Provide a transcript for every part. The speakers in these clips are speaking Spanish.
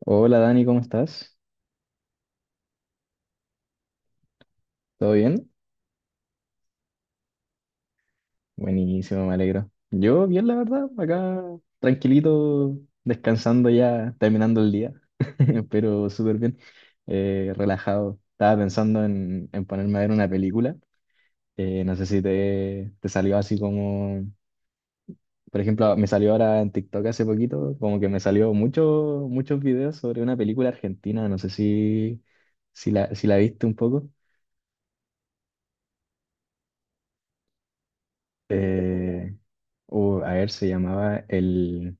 Hola Dani, ¿cómo estás? ¿Todo bien? Buenísimo, me alegro. Yo bien, la verdad, acá tranquilito, descansando ya, terminando el día, pero súper bien, relajado. Estaba pensando en ponerme a ver una película. No sé si te salió así como, por ejemplo, me salió ahora en TikTok hace poquito, como que me salió mucho, muchos videos sobre una película argentina, no sé si la viste un poco. Eh, a ver, se llamaba El.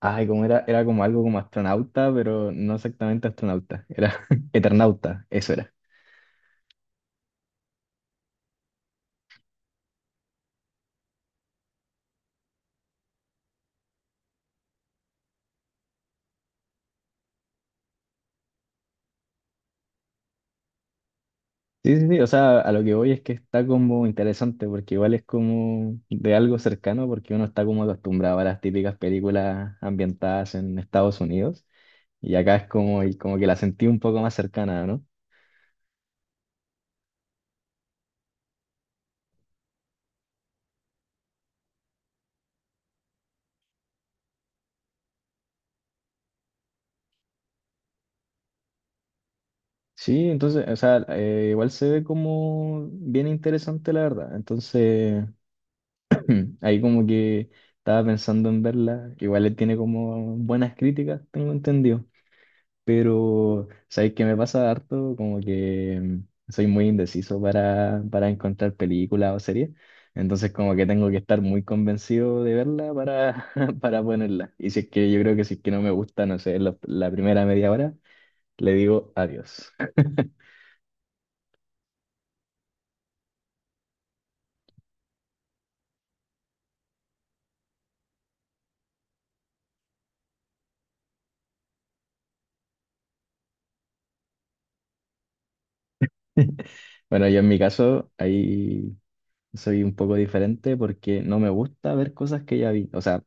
Ay, como era como algo como astronauta, pero no exactamente astronauta, era eternauta, eso era. Sí, sí, sí, o sea, a lo que voy es que está como interesante, porque igual es como de algo cercano, porque uno está como acostumbrado a las típicas películas ambientadas en Estados Unidos, y acá es como, y como que la sentí un poco más cercana, ¿no? Sí, entonces, o sea, igual se ve como bien interesante, la verdad. Entonces. Ahí como que estaba pensando en verla, que igual le tiene como buenas críticas, tengo entendido, pero sabéis que me pasa harto, como que soy muy indeciso para encontrar películas o series, entonces como que tengo que estar muy convencido de verla para, para ponerla. Y si es que yo creo que si es que no me gusta, no sé, la primera media hora, le digo adiós. Bueno, yo en mi caso, ahí soy un poco diferente porque no me gusta ver cosas que ya vi. O sea,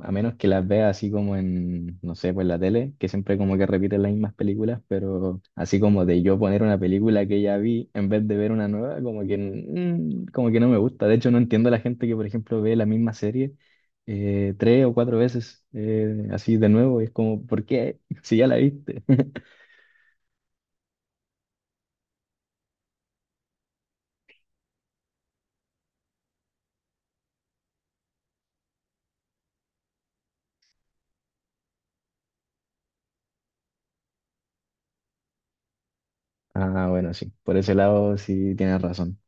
a menos que las vea así como en, no sé, pues la tele, que siempre como que repiten las mismas películas, pero así como de yo poner una película que ya vi en vez de ver una nueva, como que, como que no me gusta. De hecho, no entiendo a la gente que, por ejemplo, ve la misma serie tres o cuatro veces así de nuevo. Es como, ¿por qué? Si ya la viste. Ah, bueno, sí, por ese lado sí tienes razón.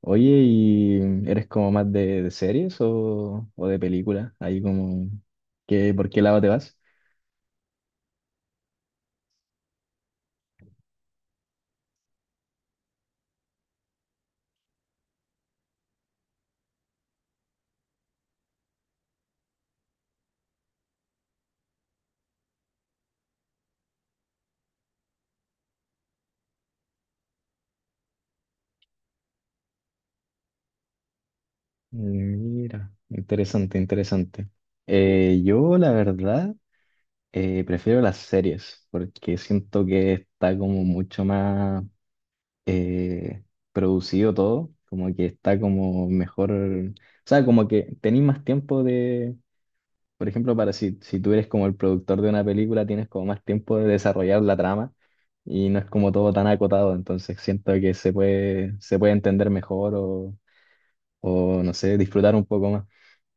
Oye, ¿y eres como más de series o de películas? Ahí como, ¿por qué lado te vas? Mira, interesante, interesante. Yo, la verdad, prefiero las series porque siento que está como mucho más eh, producido todo, como que está como mejor, o sea, como que tenéis más tiempo de, por ejemplo, para si tú eres como el productor de una película, tienes como más tiempo de desarrollar la trama y no es como todo tan acotado, entonces siento que se puede entender mejor o no sé, disfrutar un poco más.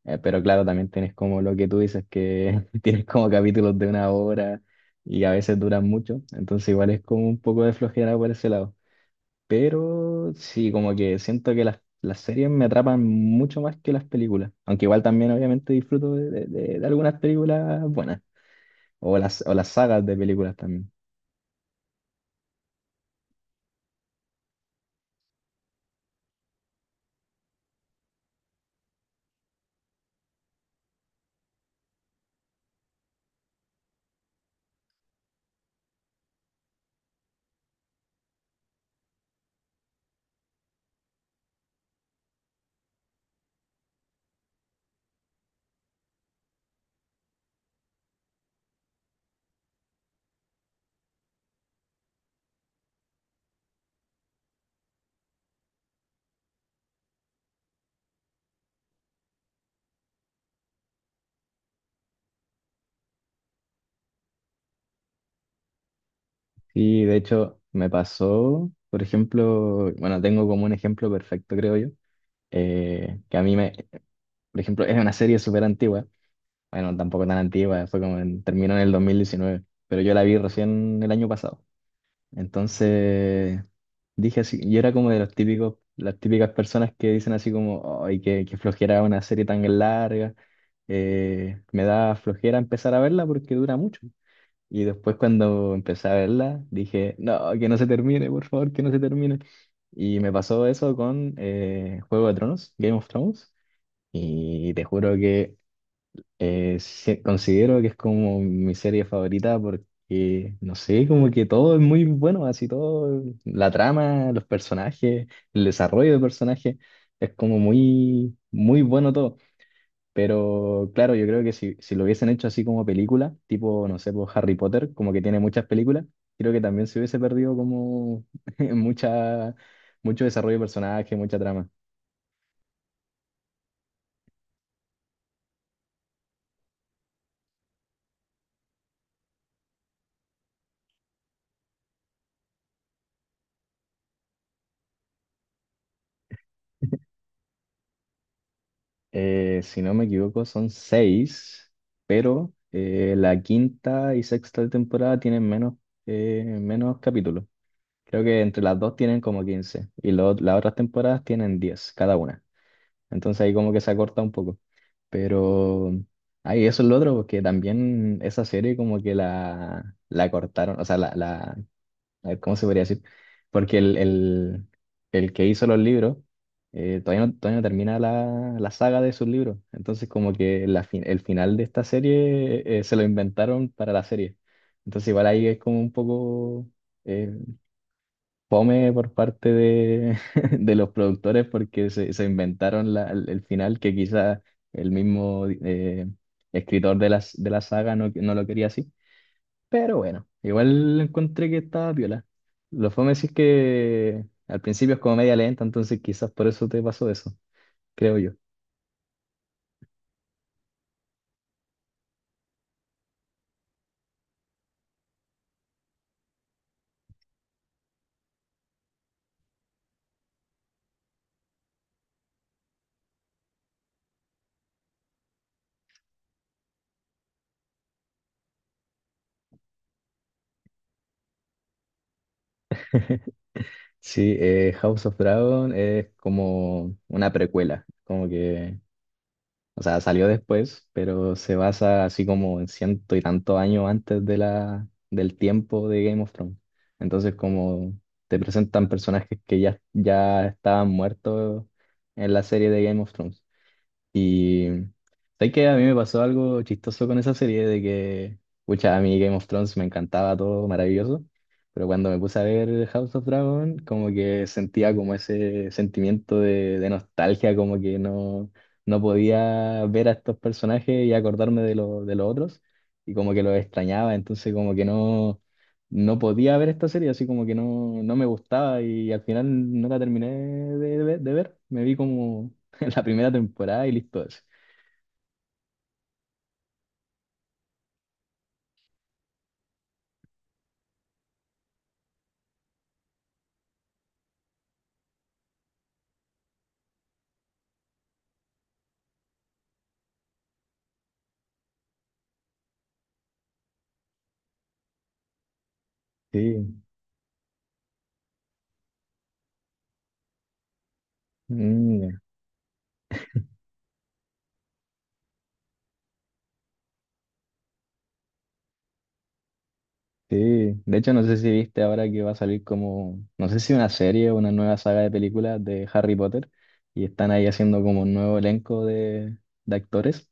Pero claro, también tienes como lo que tú dices, que tienes como capítulos de una hora y a veces duran mucho, entonces igual es como un poco de flojera por ese lado. Pero sí, como que siento que las series me atrapan mucho más que las películas, aunque igual también obviamente disfruto de algunas películas buenas o las sagas de películas también. Sí, de hecho me pasó, por ejemplo, bueno, tengo como un ejemplo perfecto, creo yo, que a mí me, por ejemplo, es una serie súper antigua. Bueno, tampoco tan antigua, fue como terminó en el 2019, pero yo la vi recién el año pasado. Entonces dije así, yo era como de los típicos, las típicas personas que dicen así como, ay, qué flojera una serie tan larga, me da flojera empezar a verla porque dura mucho. Y después cuando empecé a verla, dije, no, que no se termine, por favor, que no se termine. Y me pasó eso con Juego de Tronos, Game of Thrones, y te juro que sí, considero que es como mi serie favorita porque, no sé, como que todo es muy bueno, así todo, la trama, los personajes, el desarrollo de personajes, es como muy, muy bueno todo. Pero claro, yo creo que si lo hubiesen hecho así como película, tipo, no sé, pues Harry Potter, como que tiene muchas películas, creo que también se hubiese perdido como mucha, mucho desarrollo de personaje, mucha trama. Si no me equivoco, son seis, pero la quinta y sexta temporada tienen menos capítulos. Creo que entre las dos tienen como 15 y las otras temporadas tienen 10 cada una. Entonces ahí como que se acorta un poco. Pero ahí eso es lo otro, porque también esa serie como que la cortaron, o sea, la a ver, ¿cómo se podría decir? Porque el que hizo los libros, todavía no termina la saga de sus libros. Entonces, como que el final de esta serie se lo inventaron para la serie. Entonces, igual ahí es como un poco eh, fome por parte de, de los productores porque se inventaron el final que quizá el mismo escritor de la saga no lo quería así. Pero bueno, igual encontré que estaba piola. Lo fome sí es que al principio es como media lenta, entonces quizás por eso te pasó eso, creo yo. Sí, House of Dragon es como una precuela, como que, o sea, salió después, pero se basa así como en ciento y tantos años antes de del tiempo de Game of Thrones. Entonces, como te presentan personajes que ya estaban muertos en la serie de Game of Thrones. Y sabes que a mí me pasó algo chistoso con esa serie de que, pucha, a mí Game of Thrones me encantaba todo, maravilloso, pero cuando me puse a ver House of Dragon, como que sentía como ese sentimiento de nostalgia, como que no podía ver a estos personajes y acordarme de, de los otros, y como que los extrañaba, entonces como que no podía ver esta serie, así como que no me gustaba y al final no la terminé de ver, me vi como en la primera temporada y listo, así. Sí, mm, sí. De hecho, no sé si viste ahora que va a salir como, no sé si una serie o una nueva saga de películas de Harry Potter, y están ahí haciendo como un nuevo elenco de actores.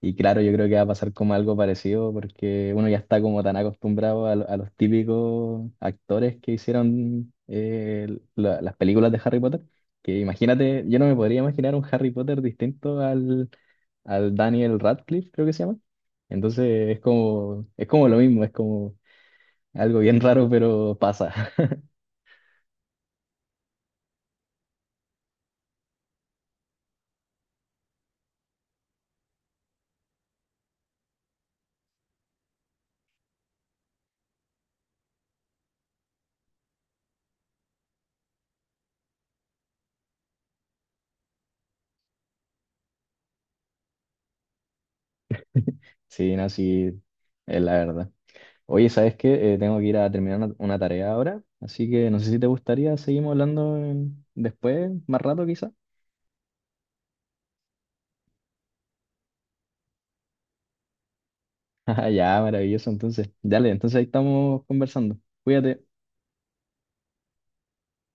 Y claro, yo creo que va a pasar como algo parecido porque uno ya está como tan acostumbrado a los típicos actores que hicieron las películas de Harry Potter, que imagínate, yo no me podría imaginar un Harry Potter distinto al, Daniel Radcliffe, creo que se llama. Entonces es como lo mismo, es como algo bien raro, pero pasa. Sí, no, sí, es la verdad. Oye, ¿sabes qué? Tengo que ir a terminar una tarea ahora, así que no sé si te gustaría, seguimos hablando después, más rato quizá. Ya, maravilloso, entonces. Dale, entonces ahí estamos conversando. Cuídate.